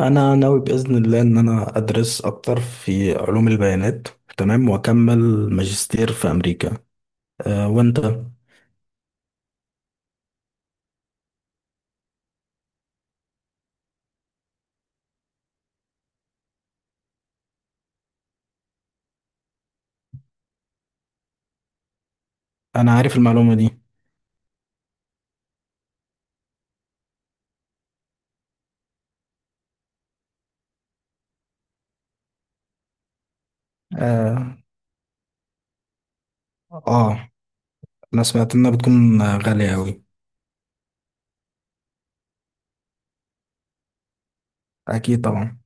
انا ناوي باذن الله ان انا ادرس اكتر في علوم البيانات. تمام، واكمل ماجستير في امريكا. وانت؟ انا عارف المعلومه دي. اه, آه انا سمعت انها بتكون غاليه قوي. اكيد طبعا.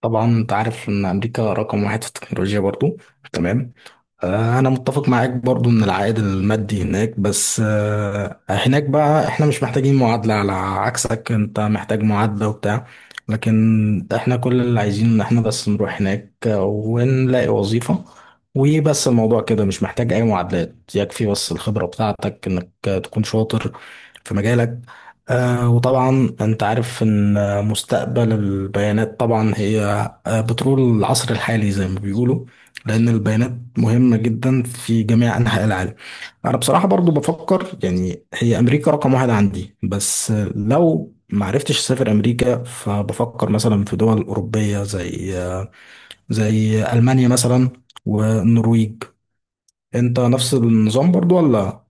طبعا انت عارف ان امريكا رقم واحد في التكنولوجيا برضو. تمام. انا متفق معاك برضو ان العائد المادي هناك، بس هناك بقى احنا مش محتاجين معادلة على عكسك، انت محتاج معادلة وبتاع. لكن احنا كل اللي عايزين ان احنا بس نروح هناك ونلاقي وظيفة وبس. الموضوع كده مش محتاج اي معادلات، يكفي بس الخبرة بتاعتك انك تكون شاطر في مجالك. وطبعا انت عارف ان مستقبل البيانات طبعا هي بترول العصر الحالي زي ما بيقولوا، لان البيانات مهمة جدا في جميع انحاء العالم. انا بصراحة برضو بفكر، يعني هي امريكا رقم واحد عندي، بس لو ما عرفتش اسافر امريكا فبفكر مثلا في دول اوروبية، زي المانيا مثلا والنرويج. انت نفس النظام برضو ولا؟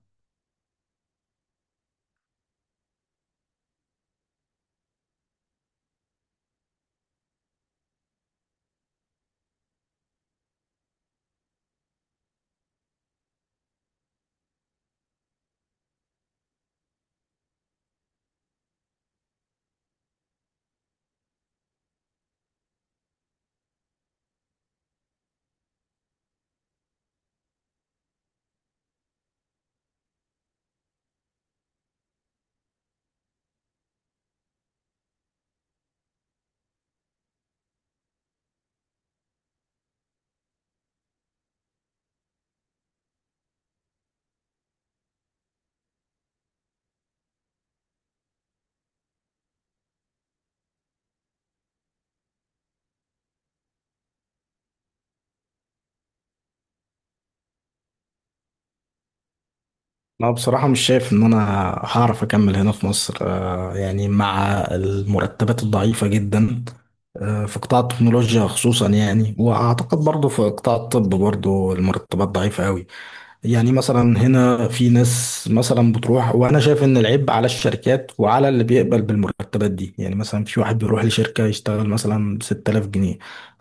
أنا بصراحة مش شايف إن أنا هعرف أكمل هنا في مصر، يعني مع المرتبات الضعيفة جدا في قطاع التكنولوجيا خصوصا، يعني وأعتقد برضه في قطاع الطب برضه المرتبات ضعيفة أوي. يعني مثلا هنا في ناس مثلا بتروح، وانا شايف ان العيب على الشركات وعلى اللي بيقبل بالمرتبات دي. يعني مثلا في واحد بيروح لشركة يشتغل مثلا ب 6000 جنيه.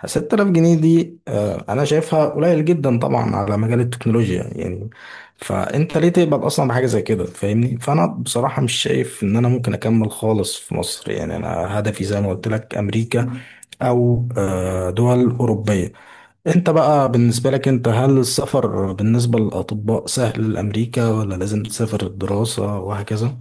6000 جنيه دي انا شايفها قليل جدا طبعا على مجال التكنولوجيا يعني. فانت ليه تقبل اصلا بحاجة زي كده؟ فاهمني. فانا بصراحة مش شايف ان انا ممكن اكمل خالص في مصر، يعني انا هدفي زي ما قلت لك امريكا او دول اوروبية. انت بقى بالنسبة لك، انت هل السفر بالنسبة للأطباء سهل لأمريكا ولا لازم تسافر الدراسة وهكذا؟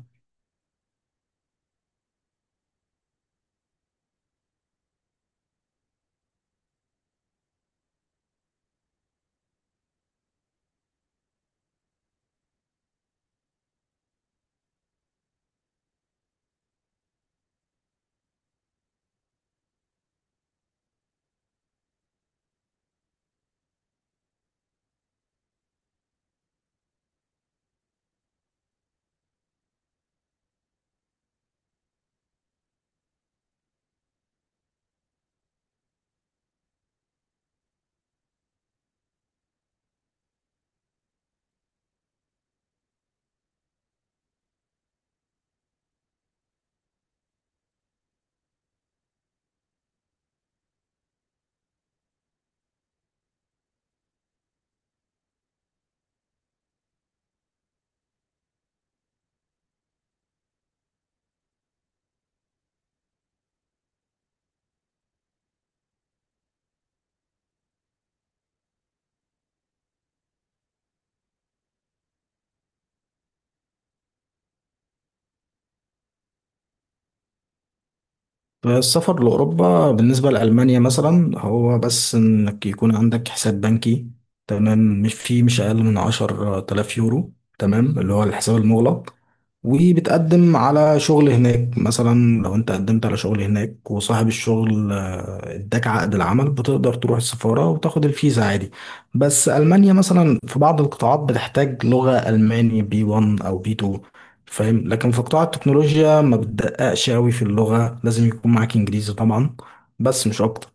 السفر لأوروبا بالنسبة لألمانيا مثلا هو بس إنك يكون عندك حساب بنكي. تمام، مش أقل من 10,000 يورو. تمام، اللي هو الحساب المغلق. وبتقدم على شغل هناك، مثلا لو أنت قدمت على شغل هناك وصاحب الشغل اداك عقد العمل، بتقدر تروح السفارة وتاخد الفيزا عادي. بس ألمانيا مثلا في بعض القطاعات بتحتاج لغة ألماني بي 1 أو بي 2، فاهم. لكن في قطاع التكنولوجيا ما بتدققش قوي في اللغة، لازم يكون معاك انجليزي طبعا بس مش اكتر.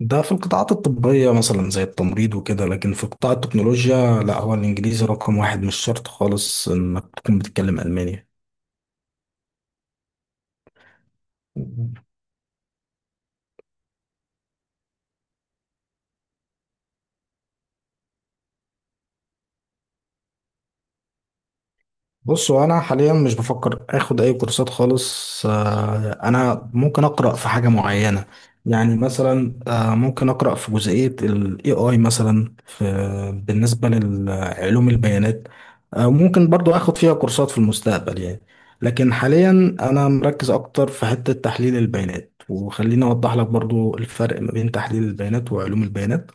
ده في القطاعات الطبية مثلا زي التمريض وكده، لكن في قطاع التكنولوجيا لا، هو الانجليزي رقم واحد، مش شرط خالص انك تكون بتتكلم الماني. بص، هو انا حاليا مش بفكر اخد اي كورسات خالص، انا ممكن اقرا في حاجه معينه. يعني مثلا ممكن اقرا في جزئيه الاي اي مثلا في بالنسبه لعلوم البيانات. ممكن برضو اخد فيها كورسات في المستقبل يعني. لكن حاليا انا مركز اكتر في حته تحليل البيانات. وخليني اوضح لك برضو الفرق ما بين تحليل البيانات وعلوم البيانات.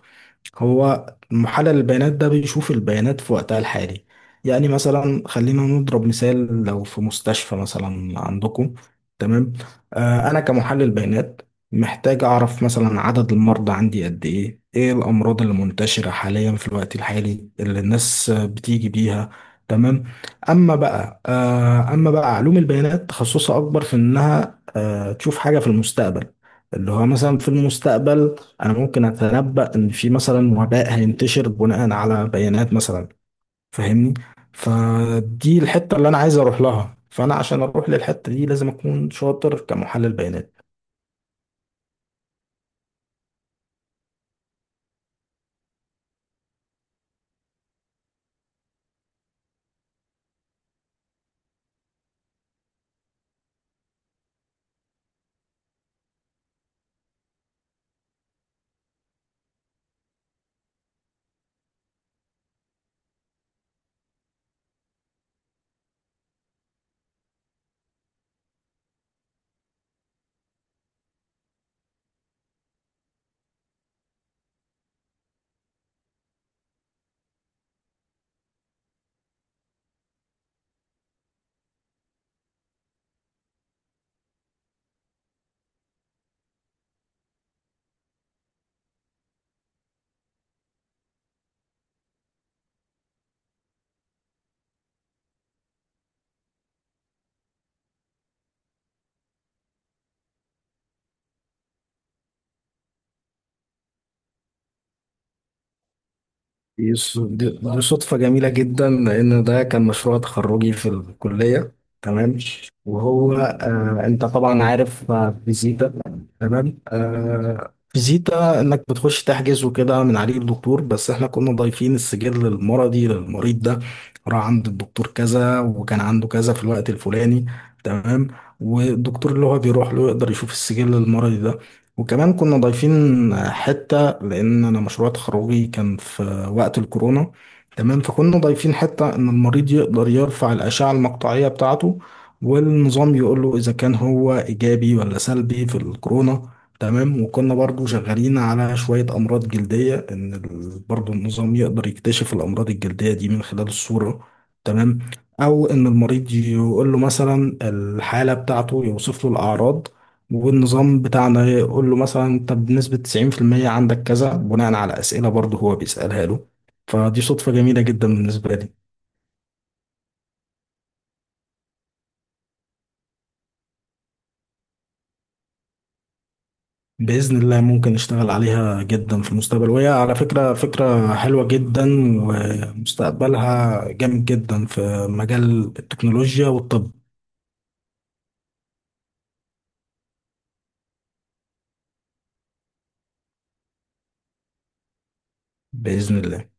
هو محلل البيانات ده بيشوف البيانات في وقتها الحالي. يعني مثلا خلينا نضرب مثال، لو في مستشفى مثلا عندكم، تمام. انا كمحلل بيانات محتاج اعرف مثلا عدد المرضى عندي قد ايه، ايه الامراض اللي منتشرة حاليا في الوقت الحالي اللي الناس بتيجي بيها. تمام. اما بقى علوم البيانات تخصصها اكبر في انها تشوف حاجة في المستقبل. اللي هو مثلا في المستقبل انا ممكن اتنبأ ان في مثلا وباء هينتشر بناء على بيانات مثلا، فاهمني. فدي الحتة اللي انا عايز اروح لها. فانا عشان اروح للحتة دي لازم اكون شاطر كمحلل بيانات. دي صدفة جميلة جدا لأن ده كان مشروع تخرجي في الكلية. تمام. وهو أنت طبعا عارف فيزيتا. تمام. فيزيتا إنك بتخش تحجز وكده من عليه الدكتور، بس إحنا كنا ضايفين السجل المرضي للمريض ده راح عند الدكتور كذا وكان عنده كذا في الوقت الفلاني. تمام. والدكتور اللي هو بيروح له يقدر يشوف السجل المرضي ده. وكمان كنا ضايفين حتة لأن أنا مشروع تخرجي كان في وقت الكورونا. تمام. فكنا ضايفين حتة إن المريض يقدر يرفع الأشعة المقطعية بتاعته، والنظام يقول له إذا كان هو إيجابي ولا سلبي في الكورونا. تمام. وكنا برضو شغالين على شوية أمراض جلدية، إن برضو النظام يقدر يكتشف الأمراض الجلدية دي من خلال الصورة. تمام. أو إن المريض يقول له مثلا الحالة بتاعته، يوصف له الأعراض، والنظام بتاعنا يقول له مثلا طب بنسبة 90% عندك كذا، بناء على أسئلة برضه هو بيسألها له. فدي صدفة جميلة جدا بالنسبة لي. بإذن الله ممكن نشتغل عليها جدا في المستقبل، وهي على فكرة فكرة حلوة جدا، ومستقبلها جامد جدا في مجال التكنولوجيا والطب. بإذن الله.